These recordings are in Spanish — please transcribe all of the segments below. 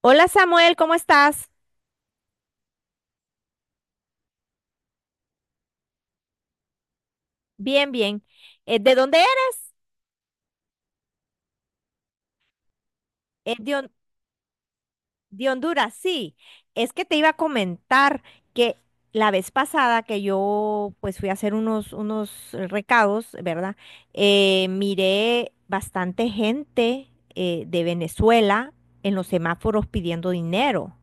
Hola Samuel, ¿cómo estás? Bien, bien. ¿De dónde eres? De Honduras, sí. Es que te iba a comentar que la vez pasada que yo pues fui a hacer unos recados, ¿verdad? Miré bastante gente de Venezuela en los semáforos pidiendo dinero.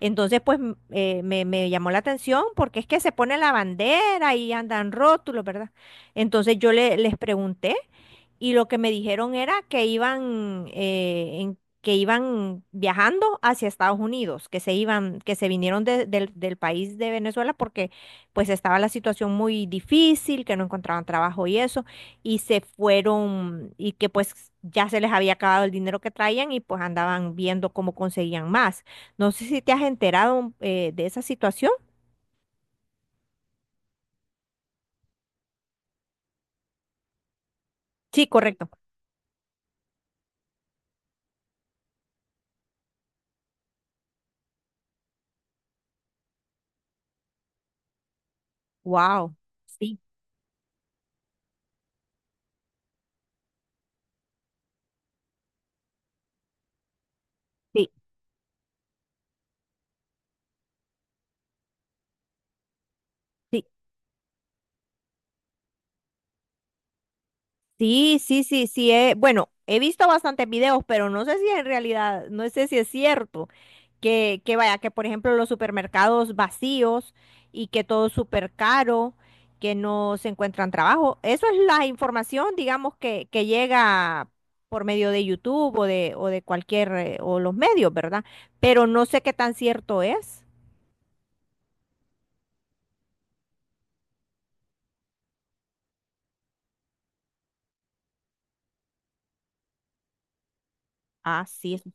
Entonces, pues me llamó la atención porque es que se pone la bandera y andan rótulos, ¿verdad? Entonces yo les pregunté. Y lo que me dijeron era que que iban viajando hacia Estados Unidos, que se iban, que se vinieron del del país de Venezuela porque pues estaba la situación muy difícil, que no encontraban trabajo y eso, y se fueron y que pues ya se les había acabado el dinero que traían y pues andaban viendo cómo conseguían más. No sé si te has enterado de esa situación. Sí, correcto. Wow. Sí, sí, sí. Sí, sí, sí, sí. Bueno, he visto bastantes videos, pero no sé si en realidad, no sé si es cierto que vaya, que por ejemplo los supermercados vacíos y que todo es súper caro, que no se encuentran trabajo. Eso es la información, digamos, que llega por medio de YouTube o de cualquier, o los medios, ¿verdad? Pero no sé qué tan cierto es. Ah, sí.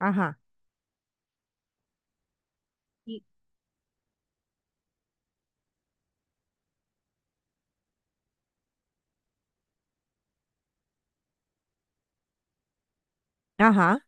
Ajá. Y- Ajá.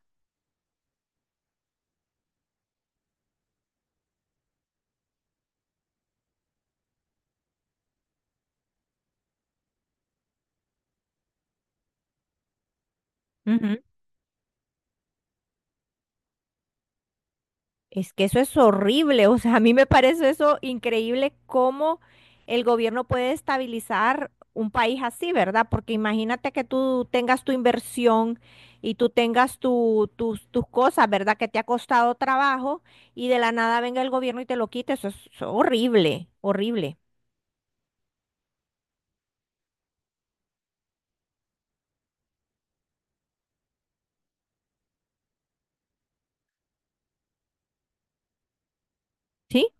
Es que eso es horrible, o sea, a mí me parece eso increíble cómo el gobierno puede estabilizar un país así, ¿verdad? Porque imagínate que tú tengas tu inversión y tú tengas tus cosas, ¿verdad? Que te ha costado trabajo y de la nada venga el gobierno y te lo quite, eso es horrible, horrible, ¿sí?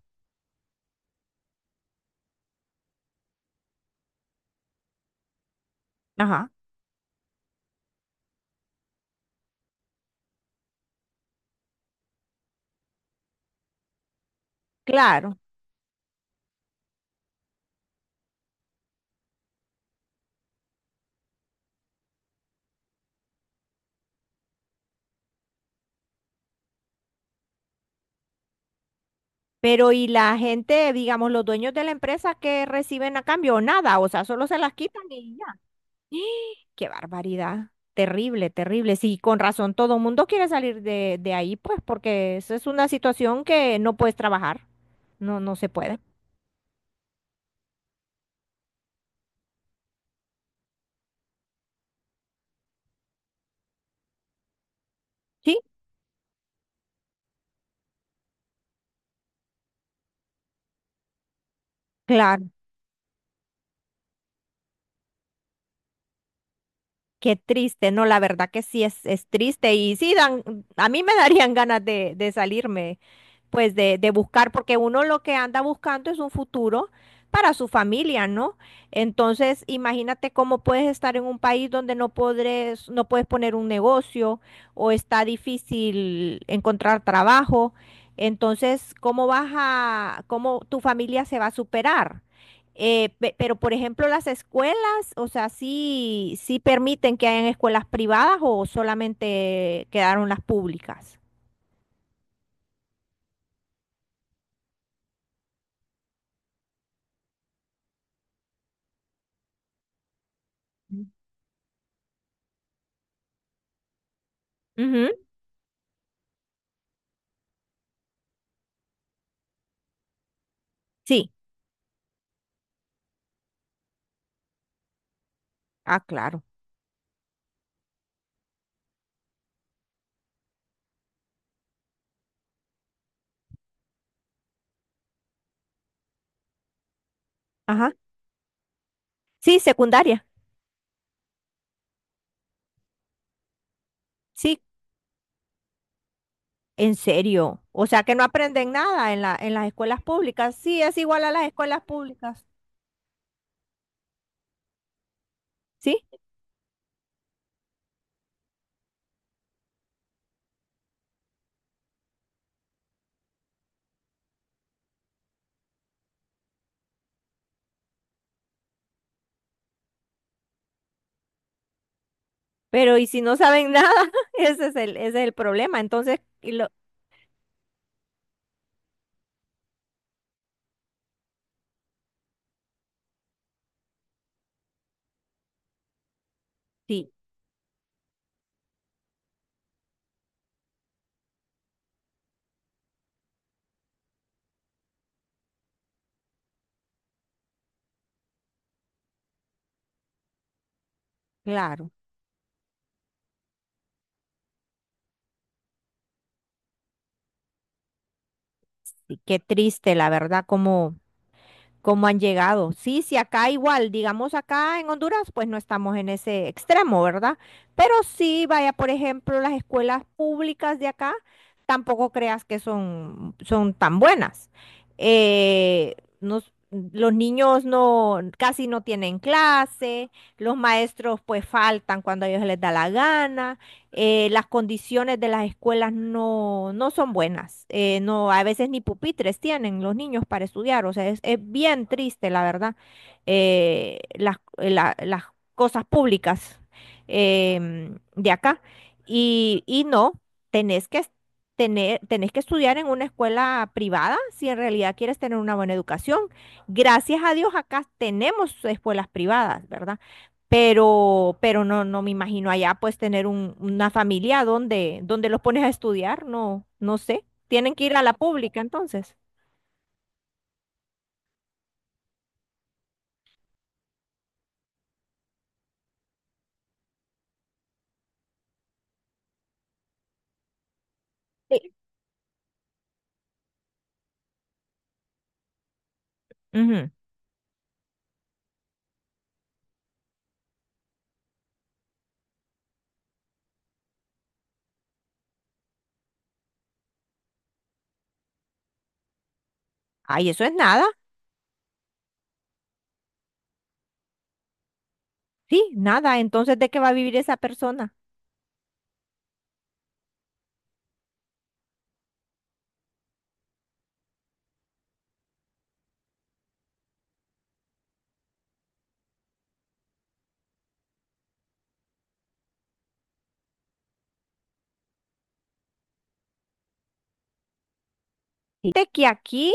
Ajá, claro. Pero y la gente, digamos, los dueños de la empresa que reciben a cambio, nada, o sea, solo se las quitan y ya. Qué barbaridad. Terrible, terrible. Sí, con razón todo el mundo quiere salir de ahí, pues, porque esa es una situación que no puedes trabajar. No, no se puede. Sí, claro. Qué triste. No, la verdad que sí es triste. Y sí, dan, a mí me darían ganas de salirme. Pues de buscar, porque uno lo que anda buscando es un futuro para su familia, ¿no? Entonces, imagínate cómo puedes estar en un país donde no podres, no puedes poner un negocio o está difícil encontrar trabajo. Entonces, ¿cómo vas a, cómo tu familia se va a superar? Pero, por ejemplo, las escuelas, o sea, sí, sí permiten que hayan escuelas privadas o solamente quedaron las públicas. Ujú. Sí. Ah, claro. Ajá. Sí, secundaria. Sí, en serio. O sea que no aprenden nada en en las escuelas públicas. Sí, es igual a las escuelas públicas. Sí, pero ¿y si no saben nada? Ese es ese es el problema. Sí, claro. Sí, qué triste, la verdad, como... cómo han llegado. Sí, sí, acá igual, digamos acá en Honduras, pues no estamos en ese extremo, ¿verdad? Pero sí, vaya, por ejemplo, las escuelas públicas de acá, tampoco creas que son, son tan buenas. Eh, nos- los niños no, casi no tienen clase, los maestros pues faltan cuando a ellos les da la gana, las condiciones de las escuelas no, no son buenas. Eh, no, a veces ni pupitres tienen los niños para estudiar. O sea, es bien triste, la verdad, las cosas públicas de acá. Y no, tenés que, es- tenés que estudiar en una escuela privada si en realidad quieres tener una buena educación. Gracias a Dios acá tenemos escuelas privadas, ¿verdad? Pero no, no me imagino allá pues tener una familia donde, donde los pones a estudiar, no, no sé. Tienen que ir a la pública entonces. Sí. Ujú. Ay, eso es nada, sí, nada. Entonces, ¿de qué va a vivir esa persona? Sí. De que aquí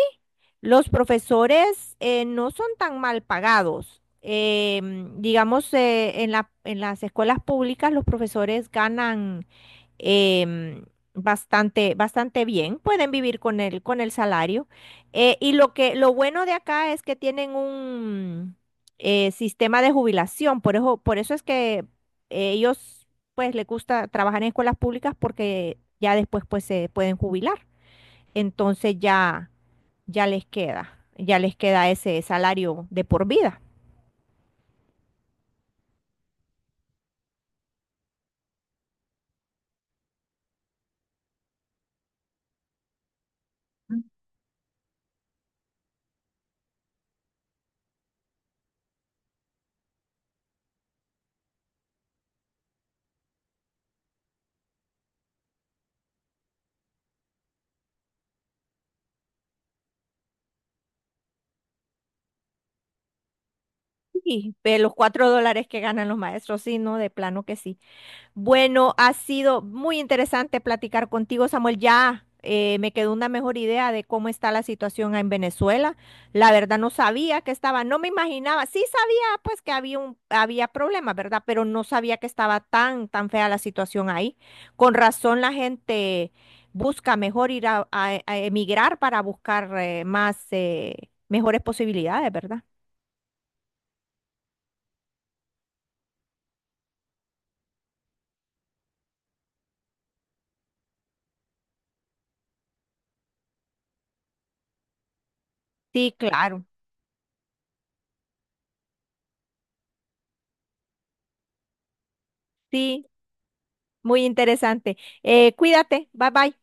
los profesores no son tan mal pagados. Em, digamos, en las escuelas públicas los profesores ganan em, bastante, bastante bien, pueden vivir con con el salario. Y lo que, lo bueno de acá es que tienen un sistema de jubilación, por eso es que ellos pues les gusta trabajar en escuelas públicas porque ya después pues se pueden jubilar. Entonces ya, ya les queda ese salario de por vida. Y de los $4 que ganan los maestros, sí, no, de plano que sí. Bueno, ha sido muy interesante platicar contigo, Samuel. Ya me quedó una mejor idea de cómo está la situación en Venezuela. La verdad no sabía que estaba, no me imaginaba, sí sabía pues que había problemas, ¿verdad? Pero no sabía que estaba tan, tan fea la situación ahí. Con razón la gente busca mejor ir a, a emigrar para buscar mejores posibilidades, ¿verdad? Sí, claro. Sí, muy interesante. Cuídate, bye bye.